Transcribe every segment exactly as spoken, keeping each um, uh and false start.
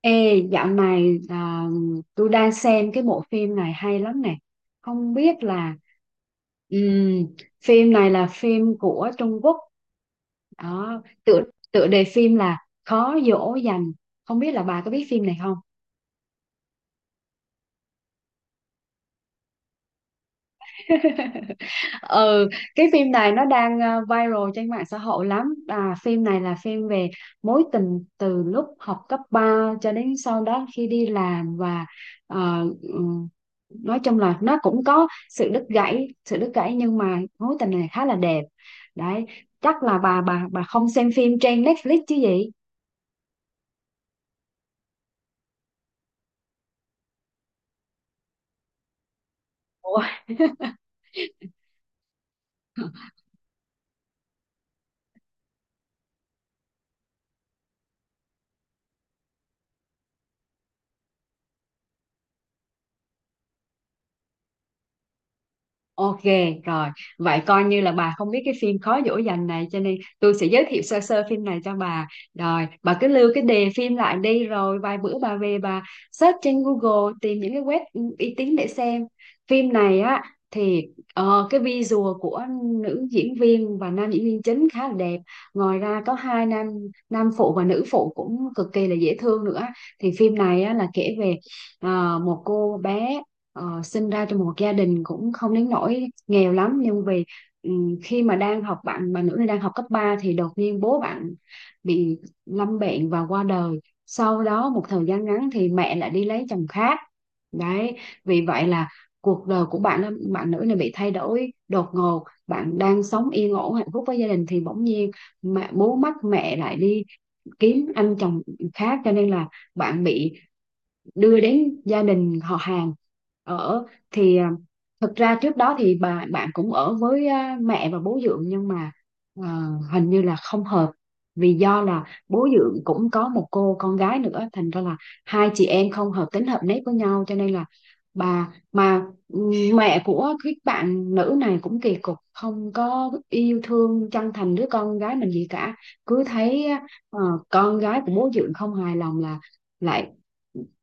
Ê, dạo này à, tôi đang xem cái bộ phim này hay lắm nè. Không biết là ừm, phim này là phim của Trung Quốc. Đó, tựa tựa đề phim là Khó dỗ dành. Không biết là bà có biết phim này không? Ừ, cái phim này nó đang ờ, viral trên mạng xã hội lắm à, phim này là phim về mối tình từ lúc học cấp ba cho đến sau đó khi đi làm và ờ, ừm, nói chung là nó cũng có sự đứt gãy sự đứt gãy nhưng mà mối tình này khá là đẹp đấy. Chắc là bà bà bà không xem phim trên Netflix chứ gì. Ủa? Ok rồi, vậy coi như là bà không biết cái phim Khó dỗ dành này cho nên tôi sẽ giới thiệu sơ sơ phim này cho bà. Rồi, bà cứ lưu cái đề phim lại đi rồi vài bữa bà về bà search trên Google tìm những cái web uy tín để xem. Phim này á thì ờ, cái visual của nữ diễn viên và nam diễn viên chính khá là đẹp. Ngoài ra có hai nam nam phụ và nữ phụ cũng cực kỳ là dễ thương nữa. Thì phim này á là kể về ờ, một cô bé ờ, sinh ra trong một gia đình cũng không đến nỗi nghèo lắm nhưng vì ừm, khi mà đang học bạn bạn nữ này đang học cấp ba thì đột nhiên bố bạn bị lâm bệnh và qua đời. Sau đó một thời gian ngắn thì mẹ lại đi lấy chồng khác đấy. Vì vậy là cuộc đời của bạn bạn nữ này bị thay đổi đột ngột, bạn đang sống yên ổn hạnh phúc với gia đình thì bỗng nhiên mẹ bố mất, mẹ lại đi kiếm anh chồng khác cho nên là bạn bị đưa đến gia đình họ hàng ở. Thì à, thật ra trước đó thì bà bạn cũng ở với à, mẹ và bố dượng nhưng mà à, hình như là không hợp, vì do là bố dượng cũng có một cô con gái nữa thành ra là hai chị em không hợp tính hợp nét với nhau cho nên là bà mà ừ, mẹ của cái bạn nữ này cũng kỳ cục, không có yêu thương chân thành đứa con gái mình gì cả, cứ thấy ờ, con gái của bố dượng không hài lòng là lại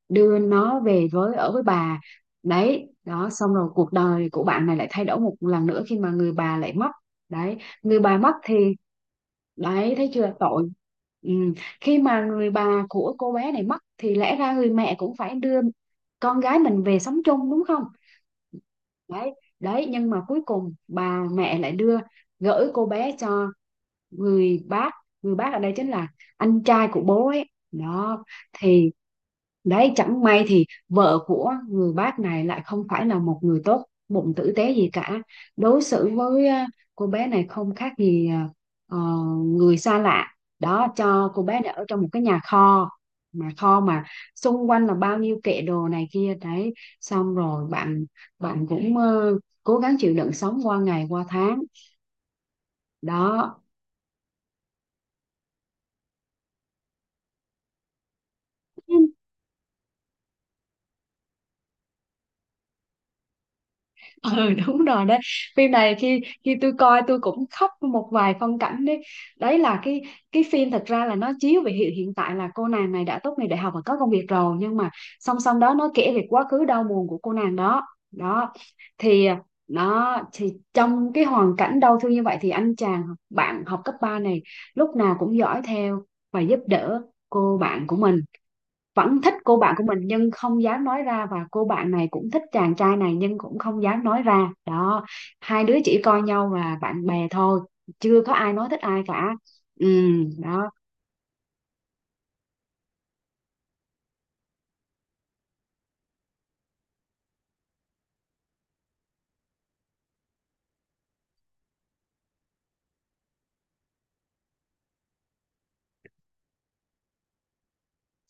đưa nó về với ở với bà đấy. Đó xong rồi cuộc đời của bạn này lại thay đổi một lần nữa khi mà người bà lại mất đấy. Người bà mất thì đấy, thấy chưa tội. Ừ. Khi mà người bà của cô bé này mất thì lẽ ra người mẹ cũng phải đưa con gái mình về sống chung đúng không, đấy, đấy, nhưng mà cuối cùng bà mẹ lại đưa gửi cô bé cho người bác người bác ở đây chính là anh trai của bố ấy đó. Thì đấy, chẳng may thì vợ của người bác này lại không phải là một người tốt bụng tử tế gì cả. Đối xử với à, cô bé này không khác gì à, ờ, người xa lạ. Đó, cho cô bé này ở trong một cái nhà kho. Mà kho mà xung quanh là bao nhiêu kệ đồ này kia. Đấy, xong rồi bạn bạn cũng ờ, cố gắng chịu đựng sống qua ngày qua tháng. Đó. Ừ đúng rồi đấy, phim này khi khi tôi coi tôi cũng khóc một vài phân cảnh đấy. Đấy là cái cái phim, thật ra là nó chiếu về hiện hiện tại là cô nàng này đã tốt nghiệp đại học và có công việc rồi nhưng mà song song đó nó kể về quá khứ đau buồn của cô nàng đó. Đó thì nó thì trong cái hoàn cảnh đau thương như vậy thì anh chàng bạn học cấp ba này lúc nào cũng dõi theo và giúp đỡ cô bạn của mình, vẫn thích cô bạn của mình nhưng không dám nói ra, và cô bạn này cũng thích chàng trai này nhưng cũng không dám nói ra đó. Hai đứa chỉ coi nhau là bạn bè thôi, chưa có ai nói thích ai cả. Ừ, đó.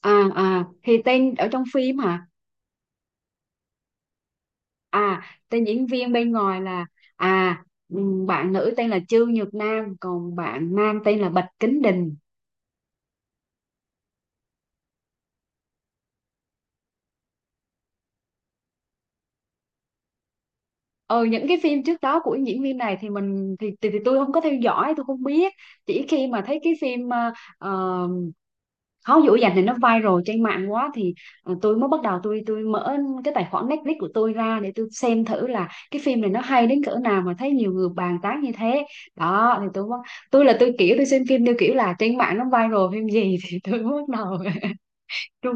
À à thì tên ở trong phim hả. À, tên diễn viên bên ngoài là à ừ, bạn nữ tên là Trương Nhược Nam, còn bạn nam tên là Bạch Kính Đình. ờ những cái phim trước đó của diễn viên này thì mình thì, thì, thì tôi không có theo dõi, tôi không biết, chỉ khi mà thấy cái phim ờ, ờ, không dữ dành thì nó viral trên mạng quá thì ờ, tôi mới bắt đầu, tôi tôi mở cái tài khoản Netflix của tôi ra để tôi xem thử là cái phim này nó hay đến cỡ nào mà thấy nhiều người bàn tán như thế. Đó thì tôi mới- tôi là tôi kiểu tôi xem phim theo kiểu là trên mạng nó viral phim gì thì tôi bắt đầu tôi.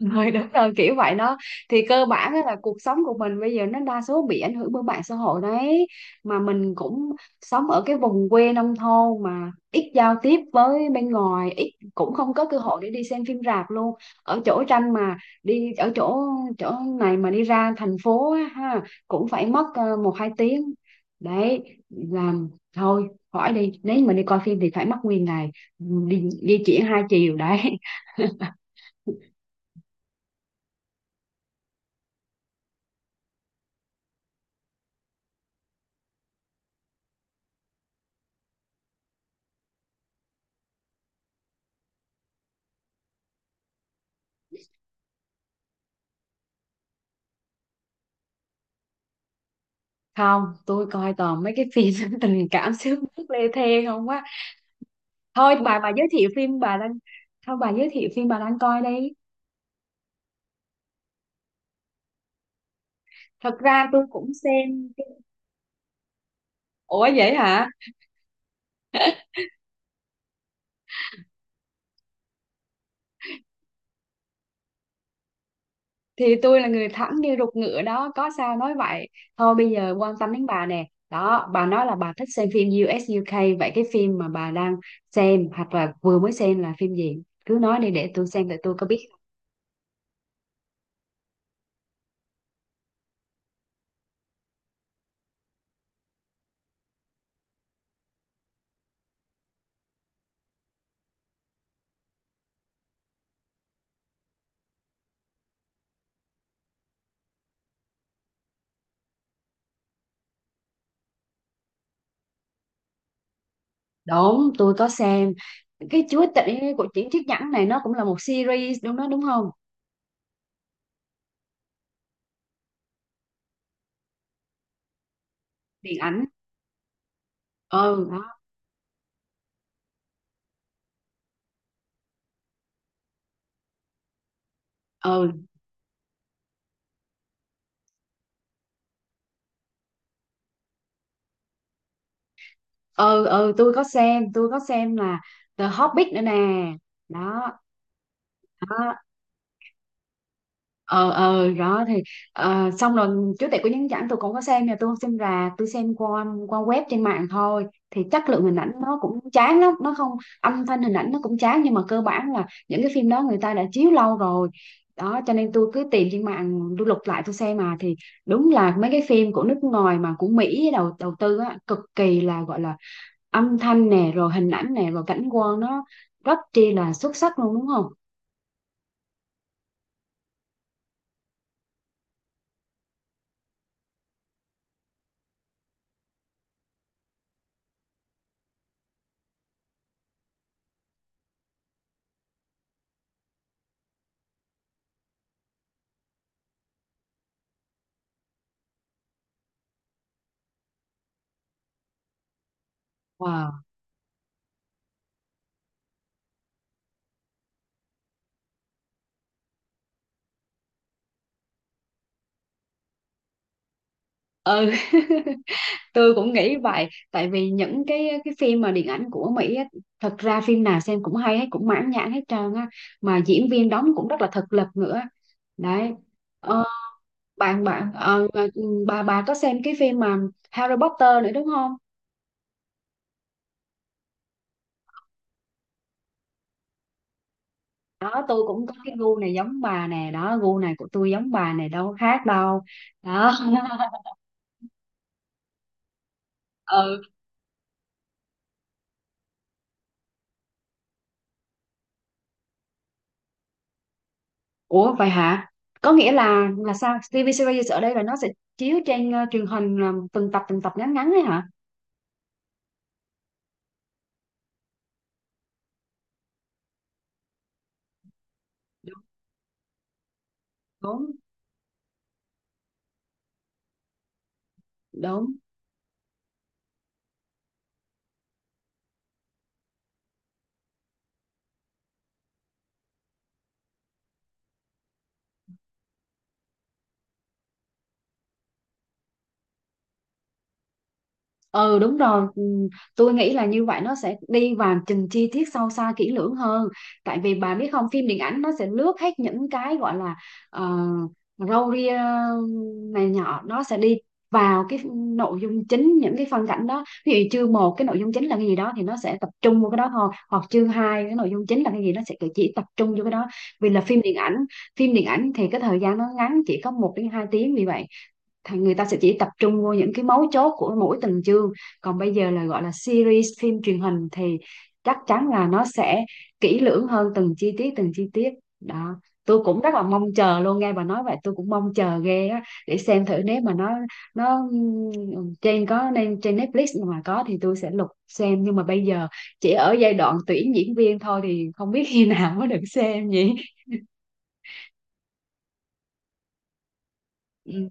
Rồi đúng rồi kiểu vậy đó. Thì cơ bản á là cuộc sống của mình bây giờ nó đa số bị ảnh hưởng bởi mạng xã hội đấy, mà mình cũng sống ở cái vùng quê nông thôn mà ít giao tiếp với bên ngoài ít, cũng không có cơ hội để đi xem phim rạp luôn. Ở chỗ tranh mà đi, ở chỗ chỗ này mà đi ra thành phố á, ha, cũng phải mất ờ, một hai tiếng đấy. Làm thôi, hỏi đi, nếu mà đi coi phim thì phải mất nguyên ngày đi di chuyển hai chiều đấy. Không, tôi coi toàn mấy cái phim tình cảm sướt mướt lê thê không quá. Thôi bà bà giới thiệu phim bà đang, thôi bà giới thiệu phim bà đang coi đi. Thật ra tôi cũng xem. Ủa vậy hả. Thì tôi là người thẳng như ruột ngựa đó, có sao nói vậy. Thôi bây giờ quan tâm đến bà nè. Đó, bà nói là bà thích xem phim u ét u UK, vậy cái phim mà bà đang xem hoặc là vừa mới xem là phim gì cứ nói đi để tôi xem, để tôi có biết. Đúng, tôi có xem cái Chúa Tể của Triển Chiếc Nhẫn này, nó cũng là một series đúng đó đúng không? Điện ảnh. Ừ, đó. Ừ, ừ, ừ, tôi có xem, tôi có xem là The Hobbit nữa nè. Đó, đó. ờ ờ Đó thì ờ, xong rồi chú tể của những ảnh tôi cũng có xem nha, tôi không xem rạp, tôi xem qua qua web trên mạng thôi thì chất lượng hình ảnh nó cũng chán lắm, nó không, âm thanh hình ảnh nó cũng chán nhưng mà cơ bản là những cái phim đó người ta đã chiếu lâu rồi. Đó cho nên tôi cứ tìm trên mạng tôi lục lại tôi xem mà thì đúng là mấy cái phim của nước ngoài mà của Mỹ đầu đầu tư á, cực kỳ là gọi là âm thanh nè, rồi hình ảnh nè, rồi cảnh quan nó rất chi là xuất sắc luôn đúng không. Wow. Ừ tôi cũng nghĩ vậy, tại vì những cái cái phim mà điện ảnh của Mỹ á, thật ra phim nào xem cũng hay hết, cũng mãn nhãn hết trơn á, mà diễn viên đóng cũng rất là thực lực nữa đấy. ờ, bạn bạn ờ, ờ, ừ, bà bà có xem cái phim mà Harry Potter nữa đúng không. Đó tôi cũng có cái gu này giống bà nè, đó gu này của tôi giống bà này đâu khác đâu đó. Ừ. Ủa vậy hả, có nghĩa là là sao, tê vê series ở đây là nó sẽ chiếu trên ờ, truyền hình ờ, từng tập từng tập ngắn ngắn đấy hả. Đúng, đúng. Ừ đúng rồi. Ừ, tôi nghĩ là như vậy nó sẽ đi vào từng chi tiết sâu xa kỹ lưỡng hơn. Tại vì bà biết không, phim điện ảnh nó sẽ lướt hết những cái gọi là uh, râu ria này nhỏ, nó sẽ đi vào cái nội dung chính, những cái phân cảnh đó ví dụ chương một cái nội dung chính là cái gì đó thì nó sẽ tập trung vào cái đó thôi, hoặc chương hai cái nội dung chính là cái gì nó sẽ chỉ tập trung vô cái đó. Vì là phim điện ảnh, phim điện ảnh thì cái thời gian nó ngắn, chỉ có một đến hai tiếng vì vậy thì người ta sẽ chỉ tập trung vô những cái mấu chốt của mỗi từng chương, còn bây giờ là gọi là series phim truyền hình thì chắc chắn là nó sẽ kỹ lưỡng hơn từng chi tiết từng chi tiết đó. Tôi cũng rất là mong chờ luôn, nghe bà nói vậy tôi cũng mong chờ ghê á, để xem thử nếu mà nó nó ừ, trên có nên trên Netflix mà có thì tôi sẽ lục xem, nhưng mà bây giờ chỉ ở giai đoạn tuyển diễn viên thôi thì không biết khi nào mới được xem nhỉ. Ừ.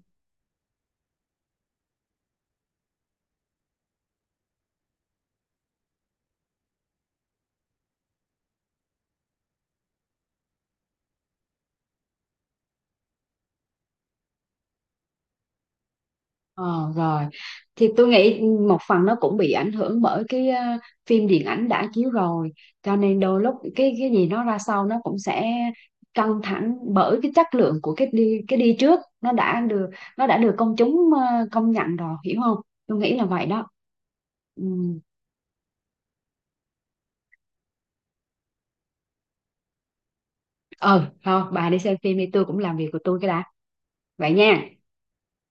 Ờ, rồi thì tôi nghĩ một phần nó cũng bị ảnh hưởng bởi cái ờ, phim điện ảnh đã chiếu rồi cho nên đôi lúc cái cái gì nó ra sau nó cũng sẽ căng thẳng bởi cái chất lượng của cái đi cái đi trước, nó đã được nó đã được công chúng ờ, công nhận rồi hiểu không, tôi nghĩ là vậy đó. Ừ. Ờ thôi bà đi xem phim đi, tôi cũng làm việc của tôi cái đã, vậy nha.